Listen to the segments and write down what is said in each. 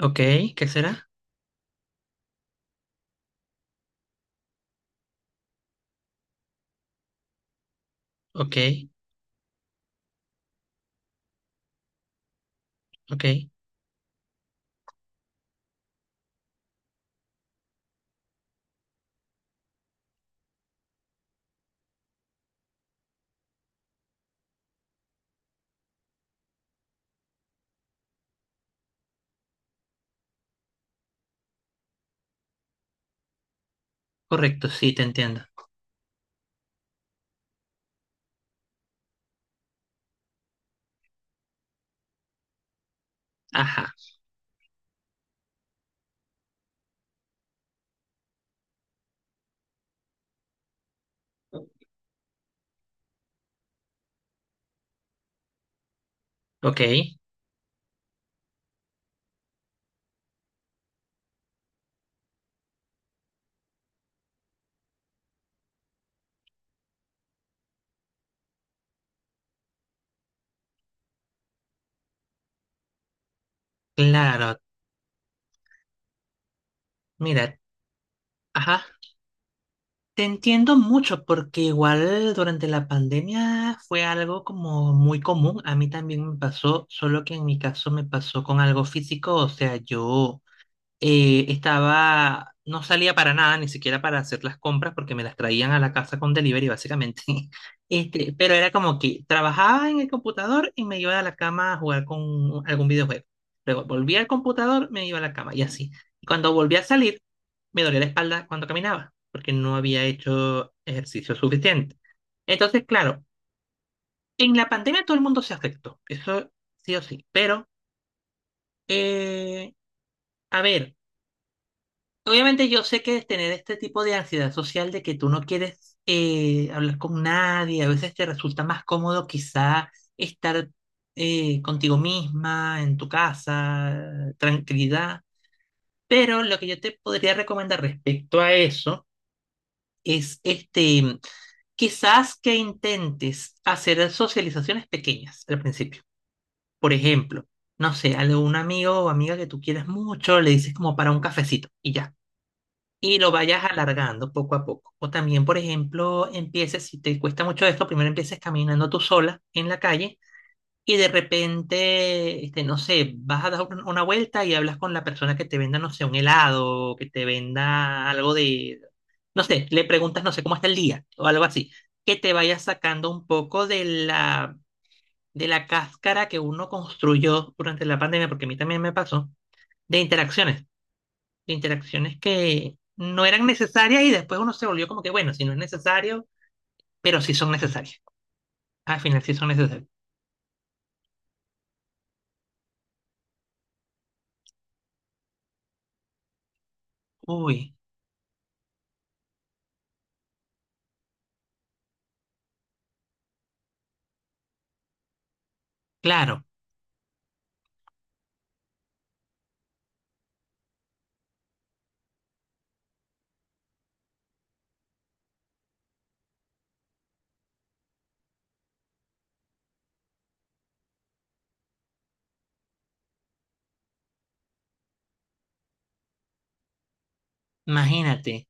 Ok, ¿qué será? Ok, ok, correcto, sí, te entiendo. Ajá, ok, claro, mira, ajá, te entiendo mucho porque igual durante la pandemia fue algo como muy común, a mí también me pasó, solo que en mi caso me pasó con algo físico. O sea, yo estaba, no salía para nada, ni siquiera para hacer las compras, porque me las traían a la casa con delivery, básicamente. Este, pero era como que trabajaba en el computador y me iba a la cama a jugar con algún videojuego. Luego volvía al computador, me iba a la cama y así. Y cuando volví a salir, me dolía la espalda cuando caminaba, porque no había hecho ejercicio suficiente. Entonces, claro, en la pandemia todo el mundo se afectó, eso sí o sí. Pero, eh, a ver. Obviamente yo sé que tener este tipo de ansiedad social, de que tú no quieres hablar con nadie, a veces te resulta más cómodo quizá estar contigo misma, en tu casa, tranquilidad. Pero lo que yo te podría recomendar respecto a eso es este, quizás que intentes hacer socializaciones pequeñas al principio. Por ejemplo, no sé, a un amigo o amiga que tú quieras mucho, le dices como para un cafecito y ya, y lo vayas alargando poco a poco. O también, por ejemplo, empieces, si te cuesta mucho esto, primero empieces caminando tú sola en la calle y de repente, este, no sé, vas a dar una vuelta y hablas con la persona que te venda, no sé, un helado, que te venda algo de, no sé, le preguntas, no sé, cómo está el día o algo así, que te vayas sacando un poco de la cáscara que uno construyó durante la pandemia, porque a mí también me pasó, de interacciones de interacciones que no eran necesarias y después uno se volvió como que, bueno, si no es necesario, pero sí son necesarias. Al final sí son necesarias. Uy, claro, imagínate.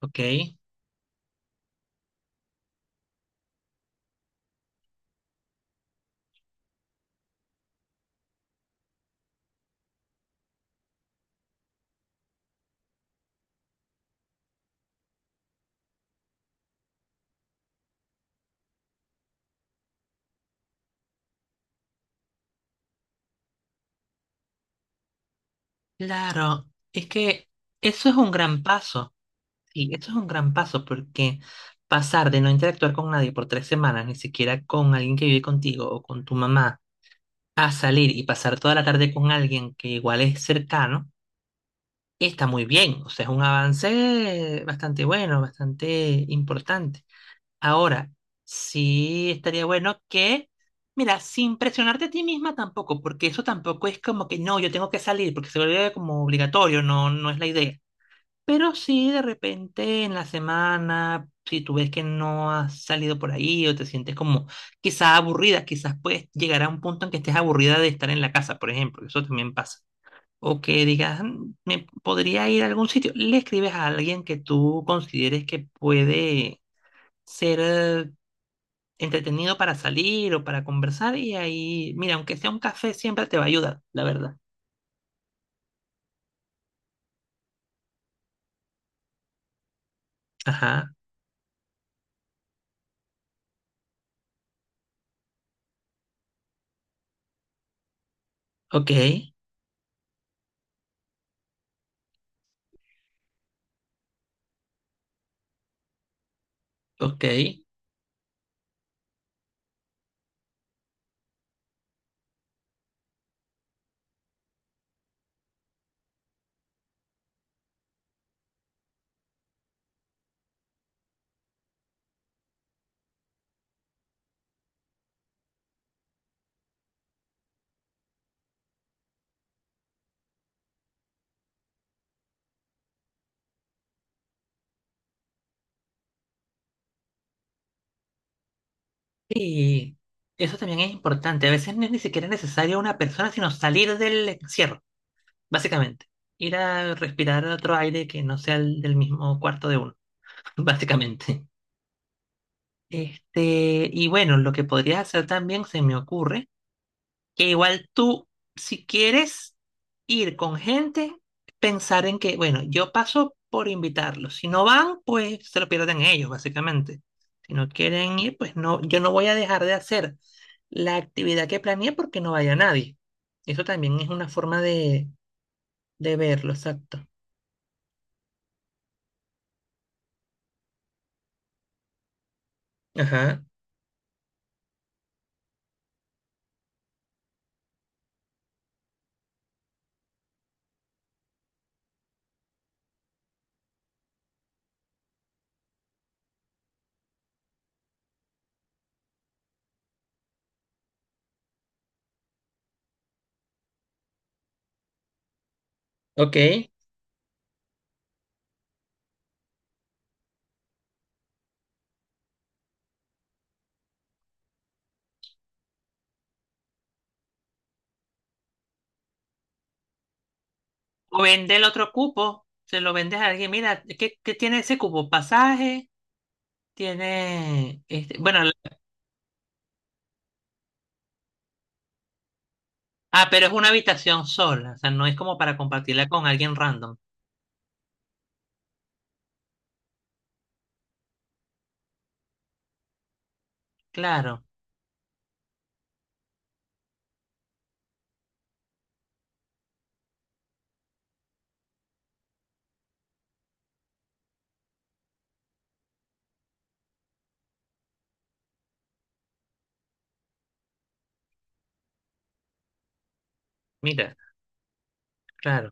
¿Ok? Claro, es que eso es un gran paso. Sí, eso es un gran paso, porque pasar de no interactuar con nadie por 3 semanas, ni siquiera con alguien que vive contigo o con tu mamá, a salir y pasar toda la tarde con alguien que igual es cercano. Y está muy bien, o sea, es un avance bastante bueno, bastante importante. Ahora, sí estaría bueno que, mira, sin presionarte a ti misma tampoco, porque eso tampoco es como que no, yo tengo que salir, porque se vuelve como obligatorio. No, no es la idea. Pero sí, de repente en la semana, si tú ves que no has salido por ahí o te sientes como quizás aburrida, quizás puedes llegar a un punto en que estés aburrida de estar en la casa, por ejemplo. Eso también pasa, o que digas: "Mm, me podría ir a algún sitio", le escribes a alguien que tú consideres que puede ser entretenido para salir o para conversar. Y ahí, mira, aunque sea un café, siempre te va a ayudar, la verdad. Ajá, ok, ok. Y eso también es importante. A veces no es ni siquiera necesario una persona, sino salir del encierro, básicamente. Ir a respirar otro aire que no sea el del mismo cuarto de uno, básicamente. Este, y bueno, lo que podrías hacer también, se me ocurre, que igual tú, si quieres ir con gente, pensar en que, bueno, yo paso por invitarlos. Si no van, pues se lo pierden ellos, básicamente. Si no quieren ir, pues no, yo no voy a dejar de hacer la actividad que planeé porque no vaya nadie. Eso también es una forma de verlo, exacto. Ajá, ok. O vende el otro cupo, se lo vendes a alguien, mira. ¿Qué tiene ese cupo? Pasaje. Tiene, este, bueno, ah, pero es una habitación sola, o sea, no es como para compartirla con alguien random. Claro, mira, claro,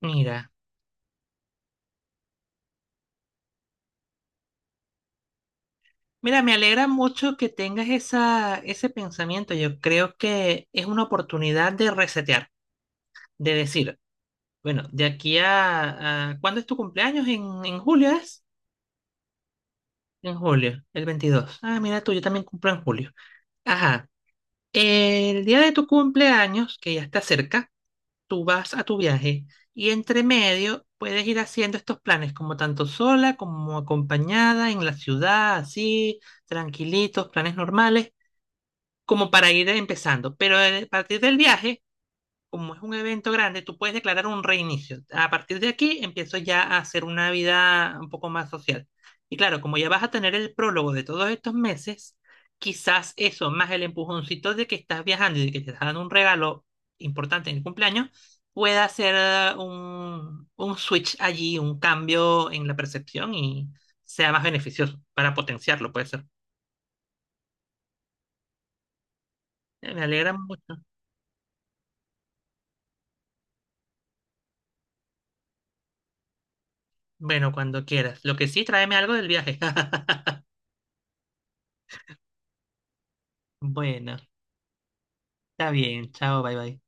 mira. Mira, me alegra mucho que tengas esa, ese pensamiento. Yo creo que es una oportunidad de resetear, de decir, bueno, de aquí ¿cuándo es tu cumpleaños? ¿En julio es? En julio, el 22. Ah, mira tú, yo también cumplo en julio. Ajá. El día de tu cumpleaños, que ya está cerca, tú vas a tu viaje, y entre medio puedes ir haciendo estos planes, como tanto sola como acompañada en la ciudad, así, tranquilitos, planes normales, como para ir empezando. Pero, a partir del viaje, como es un evento grande, tú puedes declarar un reinicio. A partir de aquí empiezo ya a hacer una vida un poco más social. Y claro, como ya vas a tener el prólogo de todos estos meses, quizás eso, más el empujoncito de que estás viajando y de que te están dando un regalo importante en el cumpleaños, pueda hacer un switch allí, un cambio en la percepción, y sea más beneficioso para potenciarlo, puede ser. Me alegra mucho. Bueno, cuando quieras. Lo que sí, tráeme algo del viaje. Bueno. Está bien, chao, bye bye.